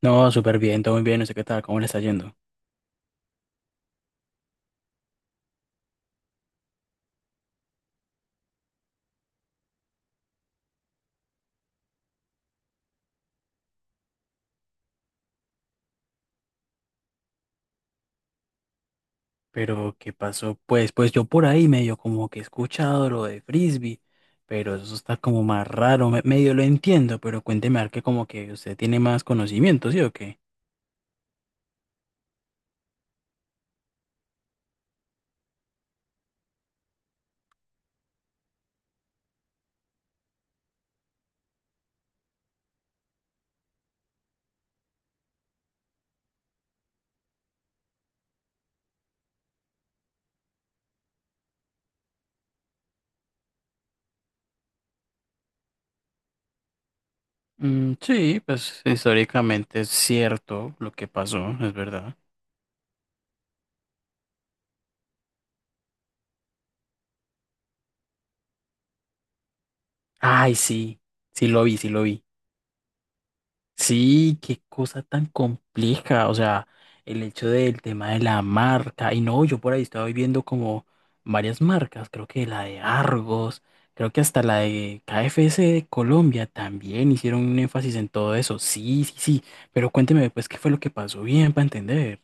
No, súper bien, todo muy bien, no sé qué tal, cómo le está yendo. Pero, ¿qué pasó? Pues, pues yo por ahí medio como que he escuchado lo de frisbee, pero eso está como más raro, medio lo entiendo, pero cuénteme a ver que como que usted tiene más conocimiento, ¿sí o qué? Mm, sí, pues históricamente es cierto lo que pasó, es verdad. Ay, sí, sí lo vi, sí lo vi. Sí, qué cosa tan compleja, o sea, el hecho del tema de la marca, y no, yo por ahí estaba viendo como varias marcas, creo que la de Argos, creo que hasta la de KFC de Colombia también hicieron un énfasis en todo eso, sí, sí, sí, pero cuénteme pues qué fue lo que pasó bien para entender.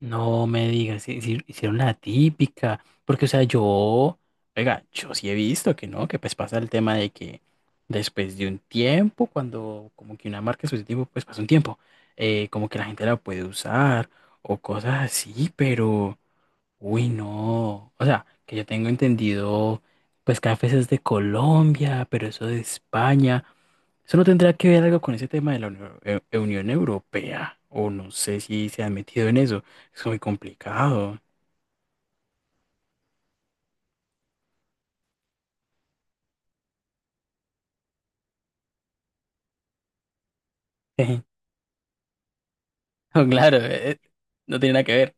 No me digas, hicieron la típica, porque o sea, yo, oiga, yo sí he visto que no, que pues pasa el tema de que después de un tiempo, cuando como que una marca su tiempo, pues pasa un tiempo, como que la gente la puede usar o cosas así, pero, uy, no, o sea, que yo tengo entendido, pues cafés es de Colombia, pero eso de España, eso no tendrá que ver algo con ese tema de la Unión Europea, o no sé si se han metido en eso. Es muy complicado. No, claro, no tiene nada que ver.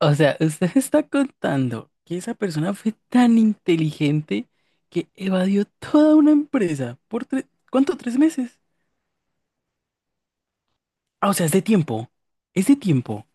O sea, usted me está contando que esa persona fue tan inteligente que evadió toda una empresa por tres, ¿cuánto? ¿Tres meses? Ah, o sea, es de tiempo. Es de tiempo.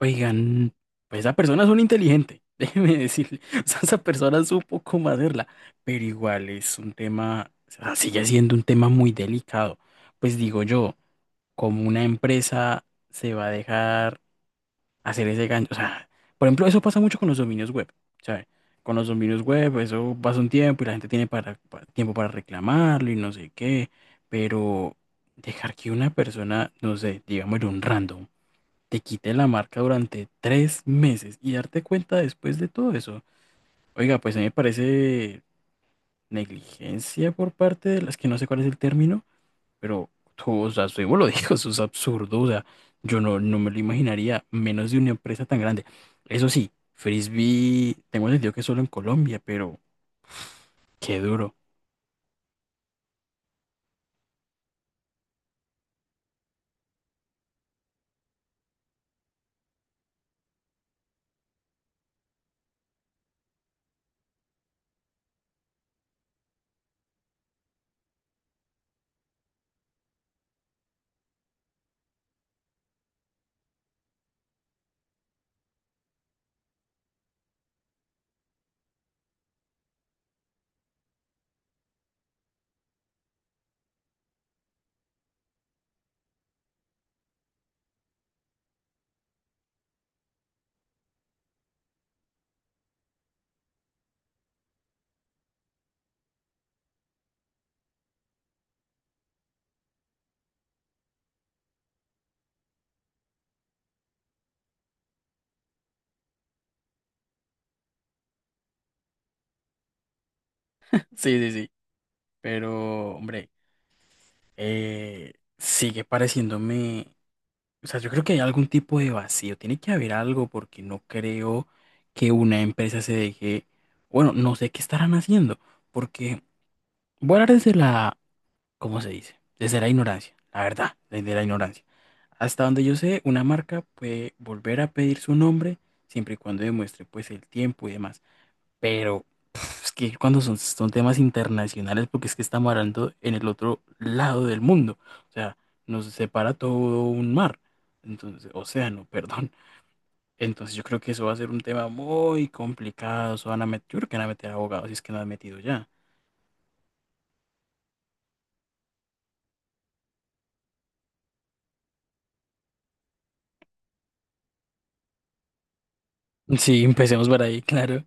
Oigan, pues esa persona es un inteligente, déjeme decirle. O sea, esa persona supo cómo hacerla, pero igual es un tema, o sea, sigue siendo un tema muy delicado. Pues digo yo, como una empresa se va a dejar hacer ese gancho? O sea, por ejemplo, eso pasa mucho con los dominios web, ¿sabes? Con los dominios web, eso pasa un tiempo y la gente tiene tiempo para reclamarlo y no sé qué, pero dejar que una persona, no sé, digamos, un random te quite la marca durante tres meses y darte cuenta después de todo eso. Oiga, pues a mí me parece negligencia por parte de las que no sé cuál es el término, pero, o sea, usted mismo lo dijo, eso es absurdo, o sea, yo no, no me lo imaginaría, menos de una empresa tan grande. Eso sí, Frisbee, tengo entendido que solo en Colombia, pero qué duro. Sí, sí, sí, pero, hombre, eh, sigue pareciéndome. O sea, yo creo que hay algún tipo de vacío, tiene que haber algo porque no creo que una empresa se deje, bueno, no sé qué estarán haciendo, porque voy a hablar desde la, ¿cómo se dice? Desde la ignorancia, la verdad, desde la ignorancia. Hasta donde yo sé, una marca puede volver a pedir su nombre siempre y cuando demuestre pues el tiempo y demás. Pero pf, es que cuando son temas internacionales, porque es que estamos hablando en el otro lado del mundo, o sea, nos separa todo un mar, entonces, océano, perdón. Entonces yo creo que eso va a ser un tema muy complicado, eso van a meter, yo creo que van a meter abogados si es que no han metido ya. Sí, empecemos por ahí, claro.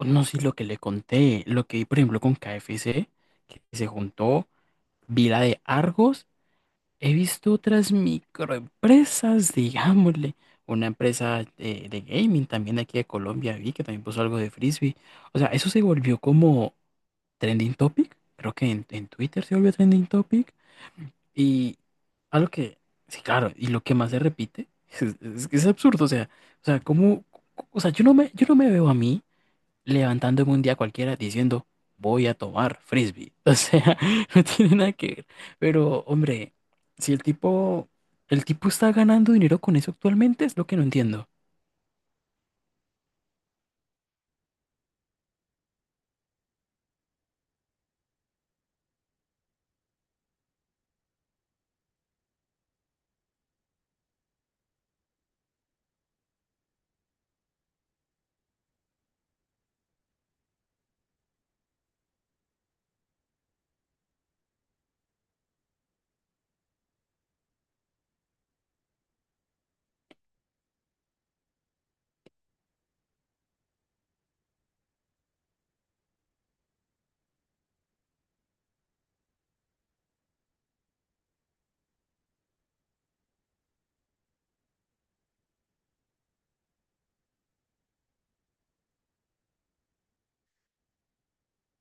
No sé lo que le conté, lo que vi, por ejemplo, con KFC, que se juntó, vi la de Argos. He visto otras microempresas, digámosle, una empresa de gaming también de aquí de Colombia, vi que también puso algo de frisbee. O sea, eso se volvió como trending topic, creo que en Twitter se volvió trending topic. Y algo que, sí, claro, y lo que más se repite, es que es absurdo, o sea, como, o sea, yo no me veo a mí levantándome un día cualquiera diciendo, voy a tomar frisbee. O sea, no tiene nada que ver. Pero, hombre, si el tipo, el tipo está ganando dinero con eso actualmente, es lo que no entiendo.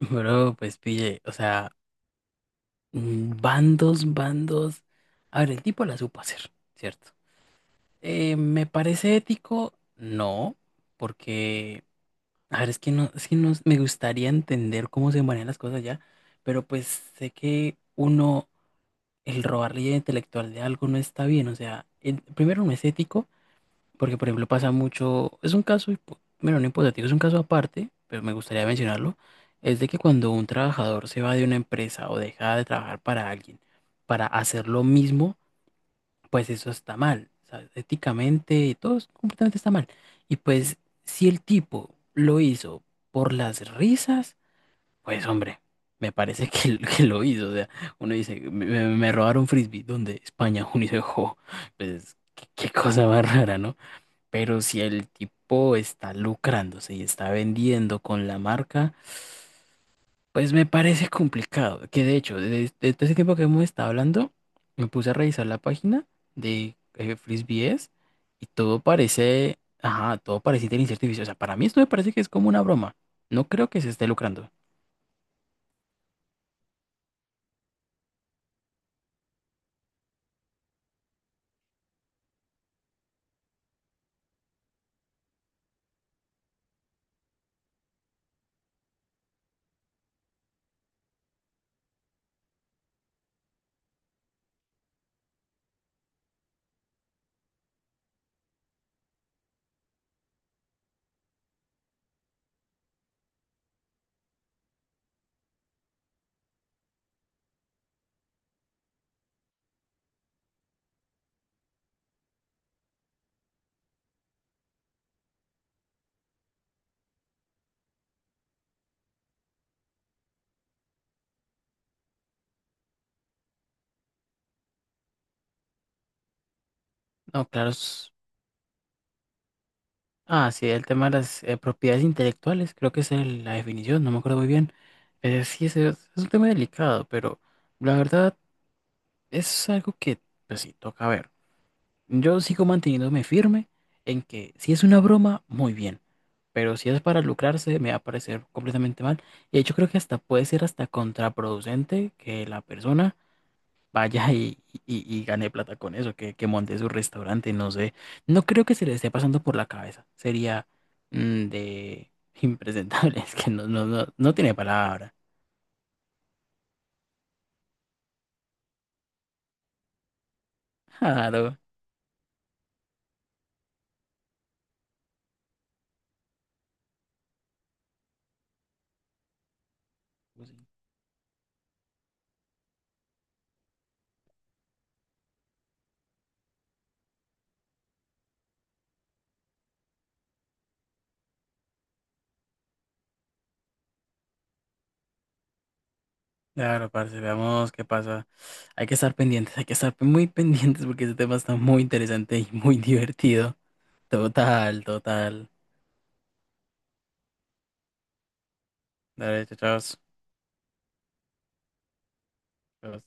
Pero, pues, pille, o sea, mm, bandos, bandos. A ver, el tipo la supo hacer, ¿cierto? ¿Me parece ético? No, porque, a ver, es que no, me gustaría entender cómo se manejan las cosas ya, pero pues sé que uno el robar la idea intelectual de algo no está bien. O sea, primero no es ético, porque por ejemplo pasa mucho, es un caso, bueno, no hipotético, es un caso aparte, pero me gustaría mencionarlo, es de que cuando un trabajador se va de una empresa o deja de trabajar para alguien para hacer lo mismo, pues eso está mal. O sea, éticamente, completamente está mal. Y pues si el tipo lo hizo por las risas, pues hombre, me parece que, que lo hizo. O sea, uno dice, me robaron frisbee. ¿Dónde? España. Uno dice, "Jo, pues qué, qué cosa más rara, ¿no?" Pero si el tipo está lucrándose y está vendiendo con la marca, pues me parece complicado. Que de hecho, desde todo ese tiempo que hemos estado hablando, me puse a revisar la página de frisbees y todo parece, ajá, todo parece inteligencia artificial. O sea, para mí esto me parece que es como una broma. No creo que se esté lucrando. No, claro. Ah, sí, el tema de las propiedades intelectuales, creo que esa es la definición, no me acuerdo muy bien. Sí, es un tema delicado, pero la verdad es algo que, pues sí, toca ver. Yo sigo manteniéndome firme en que si es una broma, muy bien, pero si es para lucrarse, me va a parecer completamente mal. Y de hecho creo que hasta puede ser hasta contraproducente que la persona vaya y gane plata con eso, que monte su restaurante, no sé. No creo que se le esté pasando por la cabeza. Sería mm, de impresentable, es que no tiene palabra. Claro. Claro, parce, veamos qué pasa. Hay que estar pendientes, hay que estar muy pendientes porque ese tema está muy interesante y muy divertido. Total, total. Dale, chao, chao. Chao.